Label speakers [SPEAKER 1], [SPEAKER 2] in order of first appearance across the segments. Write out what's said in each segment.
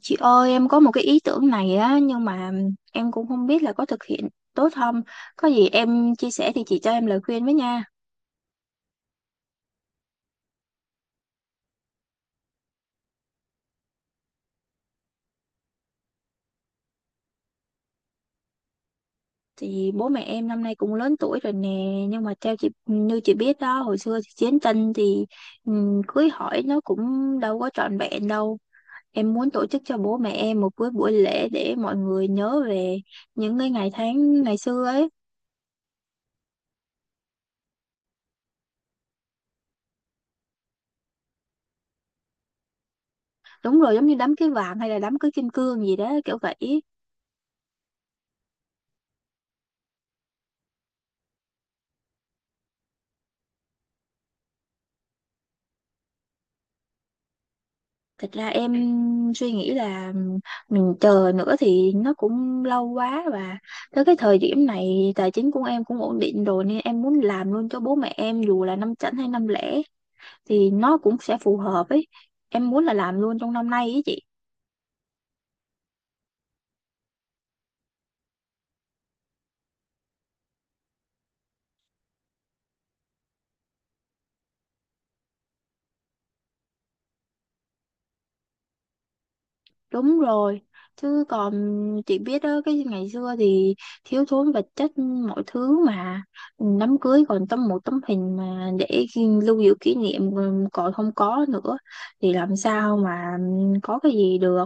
[SPEAKER 1] Chị ơi, em có một cái ý tưởng này á, nhưng mà em cũng không biết là có thực hiện tốt không. Có gì em chia sẻ thì chị cho em lời khuyên với nha. Thì bố mẹ em năm nay cũng lớn tuổi rồi nè, nhưng mà theo chị như chị biết đó, hồi xưa thì chiến tranh thì cưới hỏi nó cũng đâu có trọn vẹn đâu. Em muốn tổ chức cho bố mẹ em một cái buổi lễ để mọi người nhớ về những cái ngày tháng ngày xưa ấy. Đúng rồi, giống như đám cưới vàng hay là đám cưới kim cương gì đó, kiểu vậy. Thật ra em suy nghĩ là mình chờ nữa thì nó cũng lâu quá, và tới cái thời điểm này tài chính của em cũng ổn định rồi nên em muốn làm luôn cho bố mẹ em, dù là năm chẵn hay năm lẻ thì nó cũng sẽ phù hợp ấy. Em muốn là làm luôn trong năm nay ấy chị. Đúng rồi, chứ còn chị biết đó, cái ngày xưa thì thiếu thốn vật chất mọi thứ mà đám cưới còn một tấm hình mà để lưu giữ kỷ niệm còn không có nữa, thì làm sao mà có cái gì được.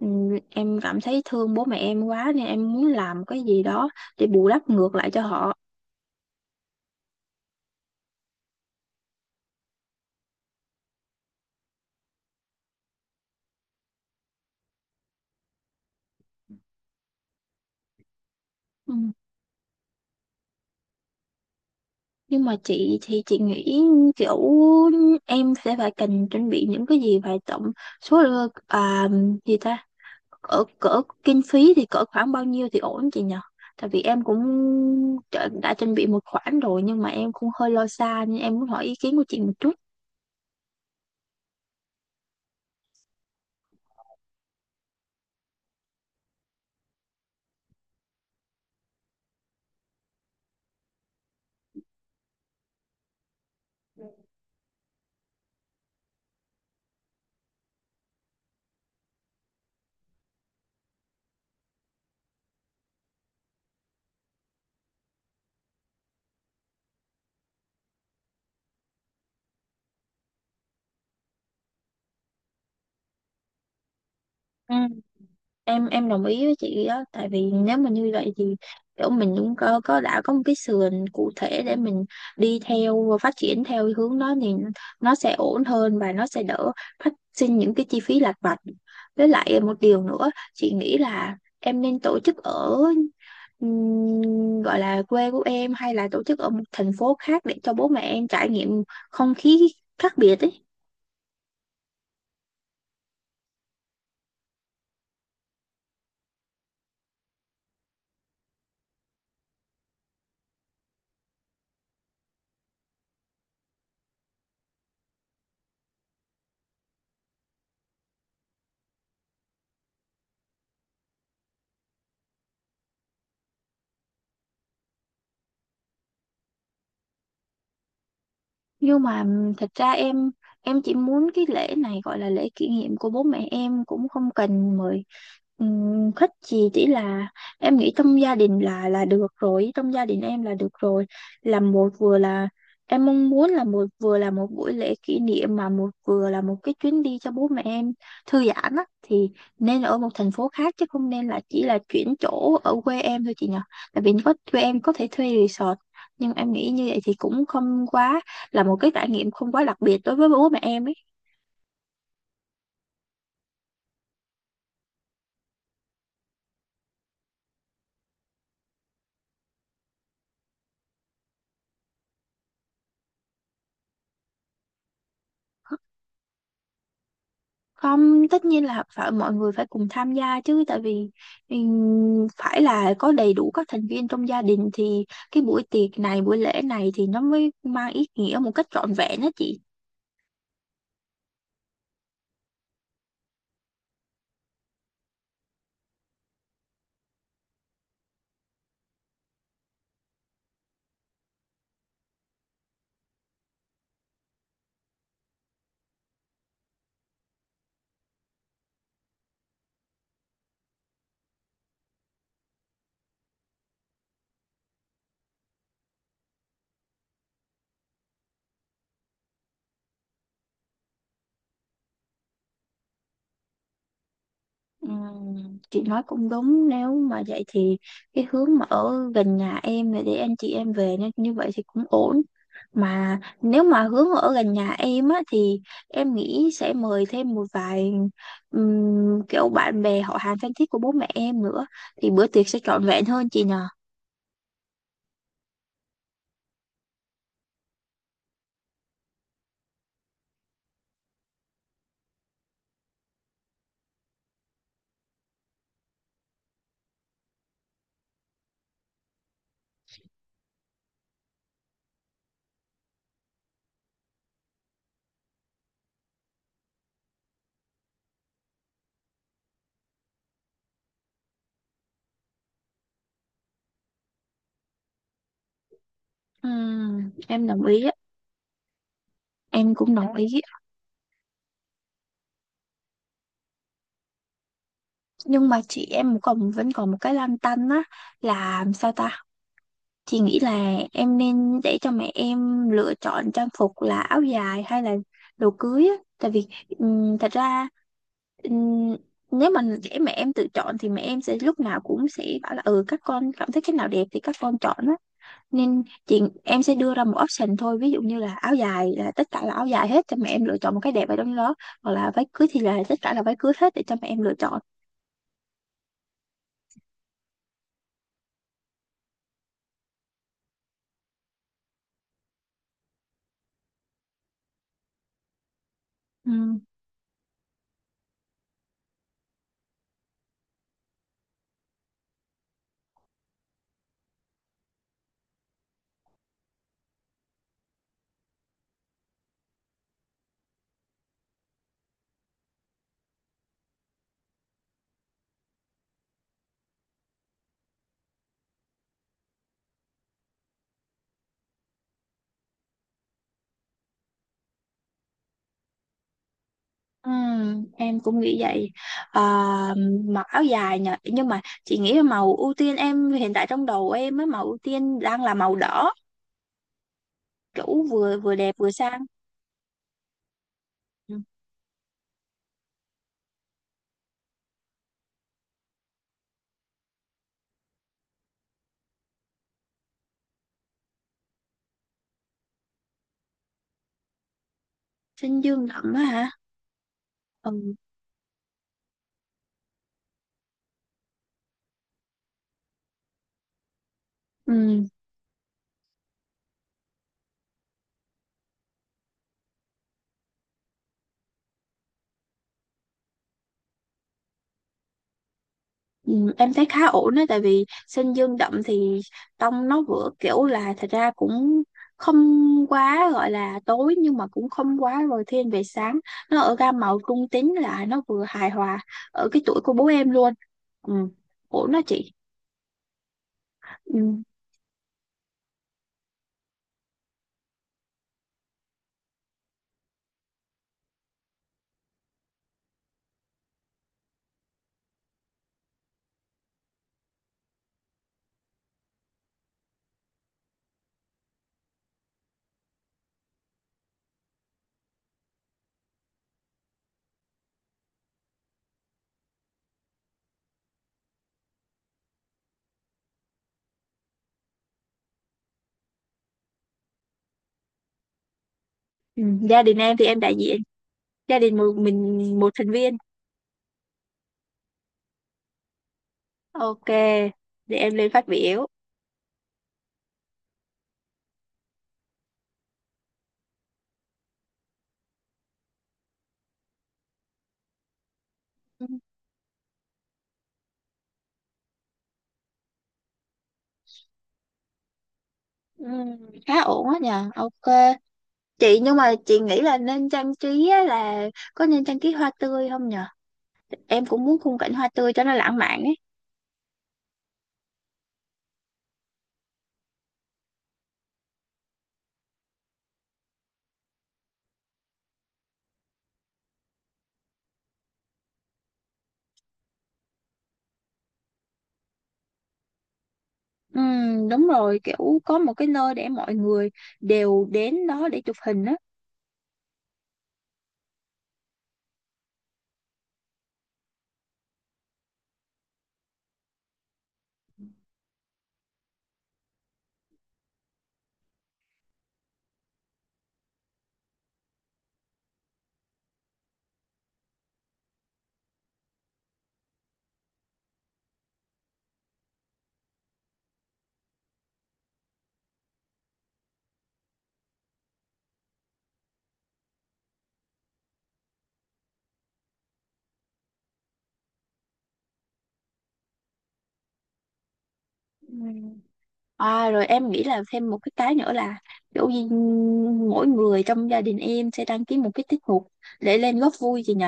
[SPEAKER 1] Ừ. Em cảm thấy thương bố mẹ em quá nên em muốn làm cái gì đó để bù đắp ngược lại cho họ. Ừ. Nhưng mà chị thì chị nghĩ kiểu em sẽ phải cần chuẩn bị những cái gì, phải tổng à, gì ta, cỡ cỡ kinh phí thì cỡ khoảng bao nhiêu thì ổn chị nhỉ? Tại vì em cũng đã chuẩn bị một khoản rồi, nhưng mà em cũng hơi lo xa nên em muốn hỏi ý kiến của chị một chút. Ừ. Em đồng ý với chị đó, tại vì nếu mà như vậy thì kiểu mình cũng có đã có một cái sườn cụ thể để mình đi theo và phát triển theo hướng đó, thì nó sẽ ổn hơn và nó sẽ đỡ phát sinh những cái chi phí lặt vặt. Với lại một điều nữa, chị nghĩ là em nên tổ chức ở gọi là quê của em, hay là tổ chức ở một thành phố khác để cho bố mẹ em trải nghiệm không khí khác biệt ấy. Nhưng mà thật ra em chỉ muốn cái lễ này gọi là lễ kỷ niệm của bố mẹ em, cũng không cần mời khách gì, chỉ là em nghĩ trong gia đình là được rồi, trong gia đình em là được rồi. Làm một vừa là em mong muốn là một, vừa là một buổi lễ kỷ niệm mà một, vừa là một cái chuyến đi cho bố mẹ em thư giãn á, thì nên ở một thành phố khác chứ không nên là chỉ là chuyển chỗ ở quê em thôi chị nhỉ. Tại vì có quê em có thể thuê resort, nhưng em nghĩ như vậy thì cũng không quá là một cái trải nghiệm, không quá đặc biệt đối với bố mẹ em ấy. Không, tất nhiên là phải mọi người phải cùng tham gia chứ, tại vì phải là có đầy đủ các thành viên trong gia đình thì cái buổi tiệc này, buổi lễ này thì nó mới mang ý nghĩa một cách trọn vẹn đó chị. Chị nói cũng đúng. Nếu mà vậy thì cái hướng mà ở gần nhà em là để anh chị em về, nên như vậy thì cũng ổn, mà nếu mà hướng ở gần nhà em á thì em nghĩ sẽ mời thêm một vài kiểu bạn bè họ hàng thân thiết của bố mẹ em nữa, thì bữa tiệc sẽ trọn vẹn hơn chị nhờ. Em đồng ý á. Em cũng đồng ý, nhưng mà chị, em còn vẫn còn một cái lăn tăn á, là sao ta. Chị nghĩ là em nên để cho mẹ em lựa chọn trang phục là áo dài hay là đồ cưới á. Tại vì thật ra ừm, nếu mà để mẹ em tự chọn thì mẹ em sẽ lúc nào cũng sẽ bảo là ừ các con cảm thấy cái nào đẹp thì các con chọn á. Nên chị em sẽ đưa ra một option thôi. Ví dụ như là áo dài là tất cả là áo dài hết, cho mẹ em lựa chọn một cái đẹp ở trong đó. Hoặc là váy cưới thì là tất cả là váy cưới hết để cho mẹ em lựa chọn. Ừ. Ừ, em cũng nghĩ vậy. À, mặc áo dài nhờ, nhưng mà chị nghĩ là màu ưu tiên em hiện tại trong đầu em á, màu ưu tiên đang là màu đỏ, kiểu vừa vừa đẹp vừa sang. Ừ. Xanh dương đậm á hả? Ừ. Ừ. Ừ, em thấy khá ổn đấy, tại vì xanh dương đậm thì tông nó vừa kiểu là thật ra cũng không quá gọi là tối, nhưng mà cũng không quá rồi thiên về sáng, nó ở gam màu trung tính là nó vừa hài hòa ở cái tuổi của bố em luôn. Ừ. Ổn đó chị. Ừ. Ừ. Gia đình em thì em đại diện gia đình, một mình một thành viên. Ok, để em lên phát biểu. Ừ. Ừ. Khá ổn á nhờ. Ok chị, nhưng mà chị nghĩ là nên trang trí á, là có nên trang trí hoa tươi không nhờ, em cũng muốn khung cảnh hoa tươi cho nó lãng mạn ấy. Ừ, đúng rồi, kiểu có một cái nơi để mọi người đều đến đó để chụp hình á. Ừ. À, rồi em nghĩ là thêm một cái nữa, là kiểu như mỗi người trong gia đình em sẽ đăng ký một cái tiết mục để lên góp vui chị nhỉ?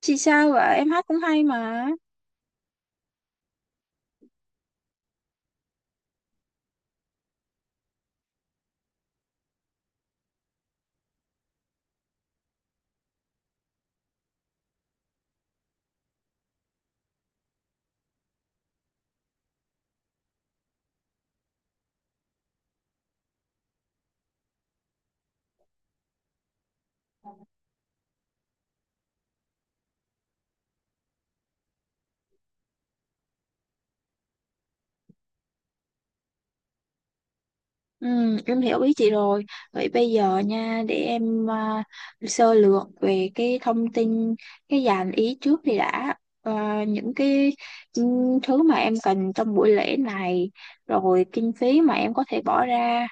[SPEAKER 1] Chị sao vậy? Em hát cũng hay mà. Ừ, em hiểu ý chị rồi. Vậy bây giờ nha, để em sơ lược về cái thông tin, cái dàn ý trước đi đã. À, những cái ừ, thứ mà em cần trong buổi lễ này, rồi kinh phí mà em có thể bỏ ra,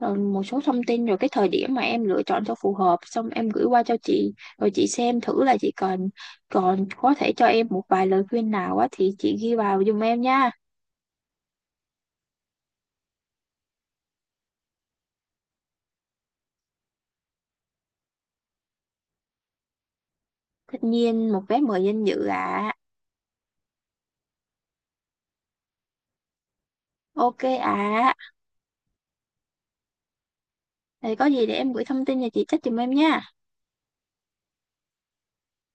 [SPEAKER 1] rồi một số thông tin, rồi cái thời điểm mà em lựa chọn cho phù hợp, xong em gửi qua cho chị, rồi chị xem thử là chị cần. Còn có thể cho em một vài lời khuyên nào á, thì chị ghi vào giùm em nha. Tất nhiên một vé mời danh dự ạ. Ok ạ. Thì có gì để em gửi thông tin cho chị trách giùm em nha.